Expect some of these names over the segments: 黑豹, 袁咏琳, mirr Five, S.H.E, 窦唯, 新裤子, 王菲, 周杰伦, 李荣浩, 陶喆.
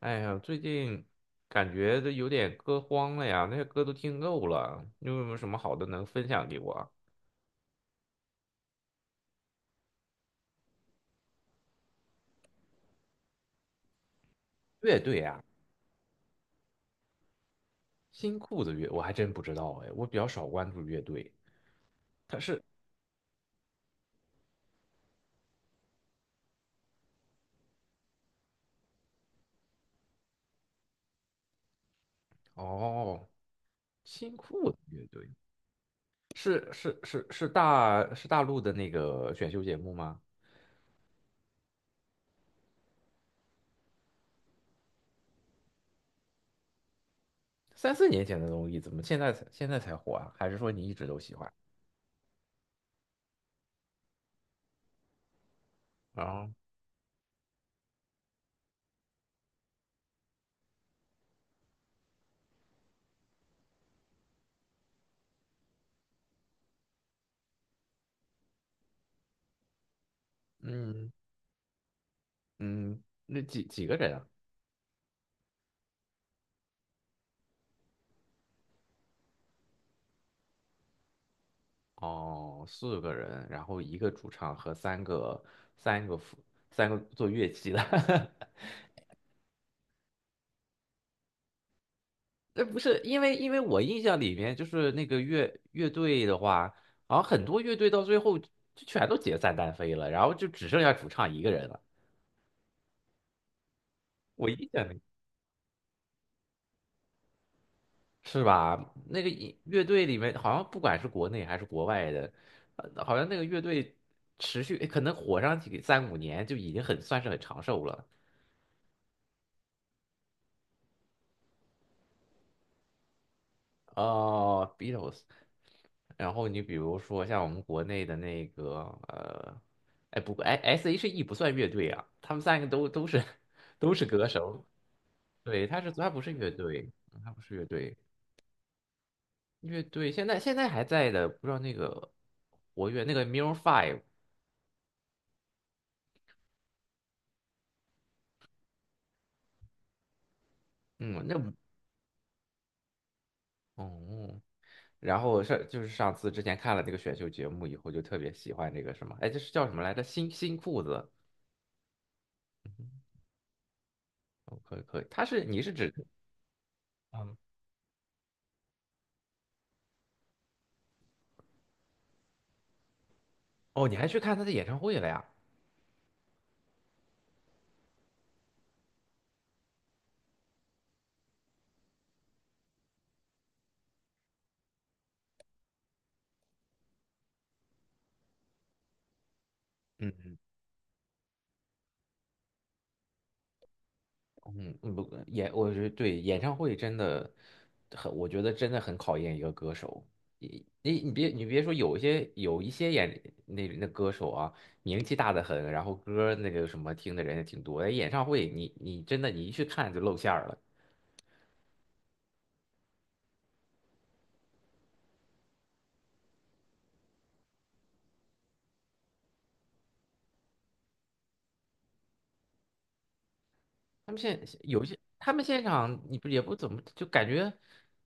哎呀，最近感觉都有点歌荒了呀，那些歌都听够了。你有没有什么好的能分享给我啊。乐队啊，新裤子乐，我还真不知道哎，我比较少关注乐队。哦，新裤子乐队是大陆的那个选秀节目吗？三四年前的东西，怎么现在才火啊？还是说你一直都喜欢？啊，嗯嗯，那几个人啊？哦，四个人，然后一个主唱和三个辅三个做乐器的。不是，因为我印象里面就是那个乐队的话，好像很多乐队到最后就全都解散单飞了，然后就只剩下主唱一个人了。我印象里是吧？那个乐队里面好像不管是国内还是国外的，好像那个乐队持续可能火上几三五年就已经很算是很长寿了。哦，Beatles。然后你比如说像我们国内的那个呃，哎不过哎 S.H.E 不算乐队啊，他们三个都是 都是歌手，对，他不是乐队，他不是乐队，乐队现在还在的，不知道那个活跃那个 m i r r Five，嗯，那哦，然后上就是上次之前看了那个选秀节目以后，就特别喜欢这个什么，哎，这是叫什么来着？新裤子，哦，可以可以，你是指嗯。哦，你还去看他的演唱会了呀？嗯嗯，嗯不，演，我觉得对演唱会真的很，我觉得真的很考验一个歌手。你别说，有一些那歌手啊，名气大的很，然后歌儿那个什么听的人也挺多。哎，演唱会你真的一去看就露馅儿了。他们现场你不也不怎么就感觉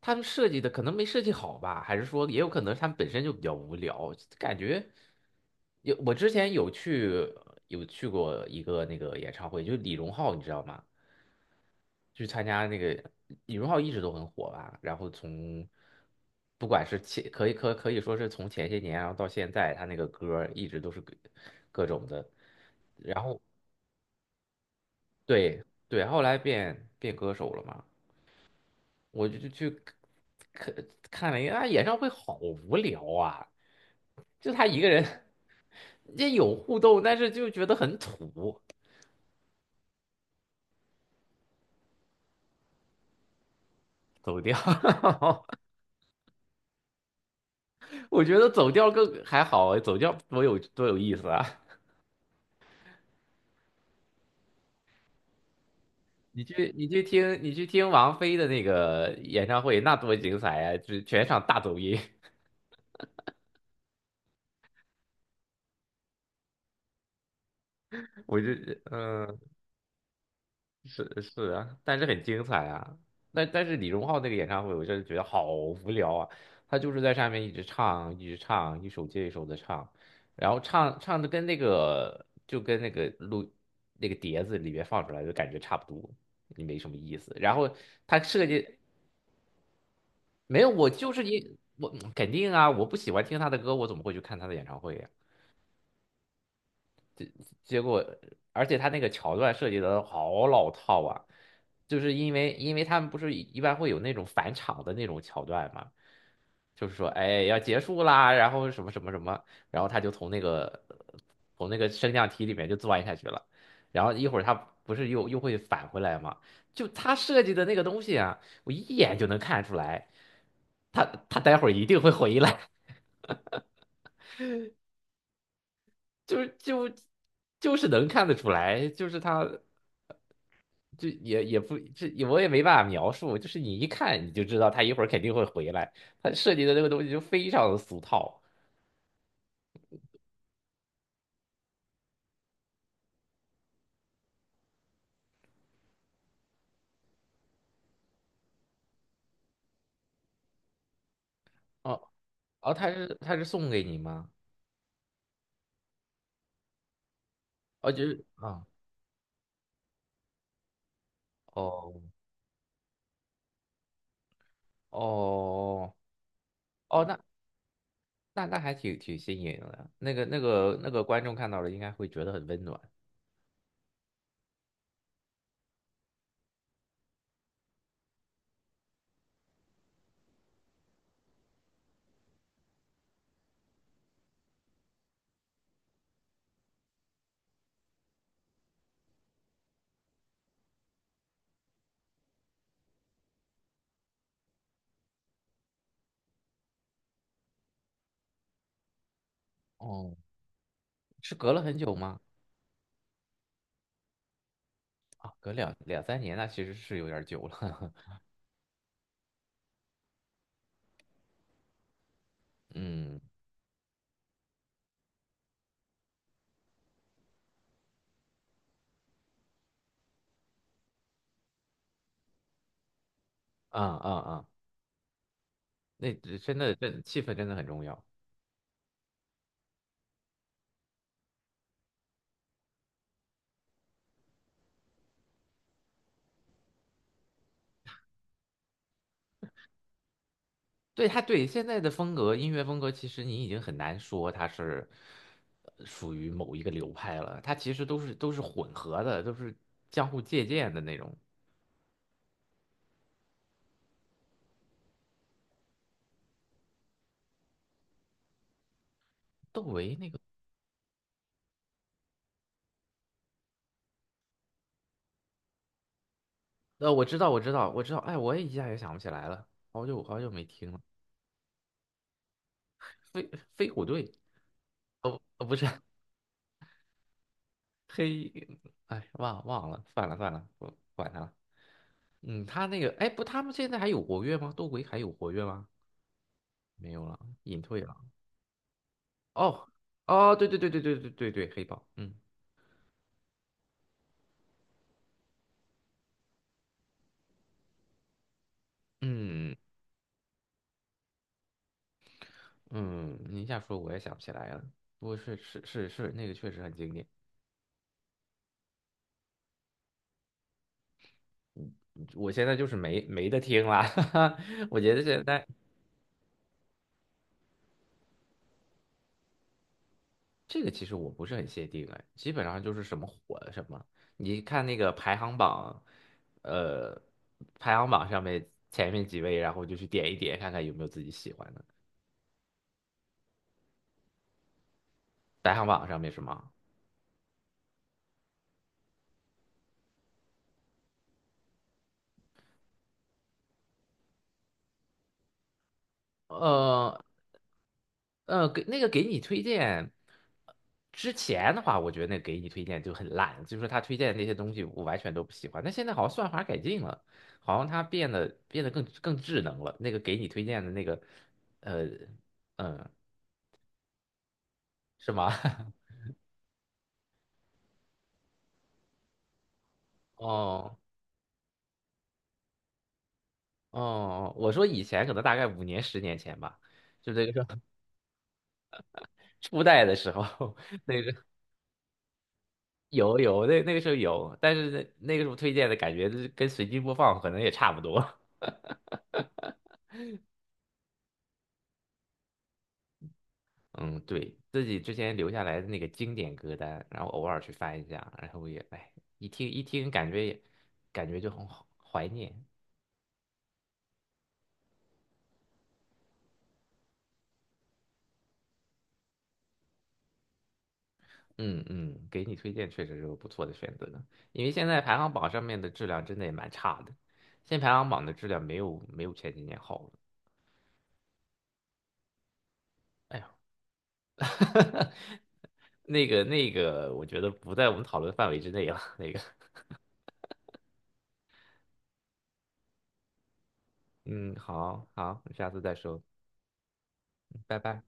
他们设计的可能没设计好吧，还是说也有可能他们本身就比较无聊，感觉我之前有去过一个那个演唱会，就是李荣浩，你知道吗？去参加那个李荣浩一直都很火吧，然后从不管是前可以说是从前些年，然后到现在，他那个歌儿一直都是各种的，对对，后来变歌手了嘛。我就去看看了一下，啊演唱会好无聊啊，就他一个人，也有互动，但是就觉得很土，走调。我觉得走调更还好，走调多有意思啊！你去听王菲的那个演唱会，那多精彩啊！就全场大走音，我就嗯。是是啊，但是很精彩啊。但是李荣浩那个演唱会，我真的觉得好无聊啊。他就是在上面一直唱，一直唱，一首接一首的唱，然后唱的跟那个录那个碟子里面放出来的感觉差不多，也没什么意思。然后他设计没有，我就是一我肯定啊，我不喜欢听他的歌，我怎么会去看他的演唱会呀？结果，而且他那个桥段设计的好老套啊，就是因为他们不是一般会有那种返场的那种桥段嘛，就是说哎要结束啦，然后什么什么什么，然后他就从那个升降梯里面就钻下去了，然后一会儿他不是又会返回来嘛，就他设计的那个东西啊，我一眼就能看出来，他待会儿一定会回来，就是就就是能看得出来，就是他。就也不这我也没办法描述，就是你一看你就知道他一会儿肯定会回来，他设计的这个东西就非常的俗套。哦哦，他是送给你吗？哦，就是啊，哦哦哦，那还挺新颖的，那个观众看到了应该会觉得很温暖。哦，是隔了很久吗？啊，隔两三年，那其实是有点儿久了。嗯，啊啊啊，那真的，气氛真的很重要。对，现在的风格，音乐风格，其实你已经很难说它是属于某一个流派了，它其实都是混合的，都是相互借鉴的那种。窦唯那个，我知道，我知道，我知道，哎，我也一下也想不起来了，好久好久没听了。飞飞虎队，哦，不是黑，哎，忘了，算了算了，不管他了。嗯，他那个，哎，不，他们现在还有活跃吗？窦唯还有活跃吗？没有了，隐退了。哦哦，对对对对对对对对，黑豹，嗯。嗯嗯，你一下说我也想不起来了。不过是是是是，那个确实很经典。我现在就是没得听了，哈哈我觉得现在这个其实我不是很限定哎，基本上就是什么火的什么。你看那个排行榜，呃，排行榜上面前面几位，然后就去点一点看看有没有自己喜欢的。排行榜上面什么，呃给那个给你推荐之前的话，我觉得那个给你推荐就很烂，就是他推荐的那些东西我完全都不喜欢。但现在好像算法改进了，好像他变得更智能了。那个给你推荐的那个，呃，嗯，是吗？哦哦，我说以前可能大概五年、10年前吧，就这个时候。 初代的时候 那个时候有，但是那个时候推荐的感觉就是跟随机播放可能也差不多。嗯，对，自己之前留下来的那个经典歌单，然后偶尔去翻一下，然后也，哎，一听一听，感觉就很好怀念。嗯嗯，给你推荐确实是个不错的选择，因为现在排行榜上面的质量真的也蛮差的，现在排行榜的质量没有前几年好了。哎呀，那个，我觉得不在我们讨论范围之内了。那个，嗯，好好，下次再说，拜拜。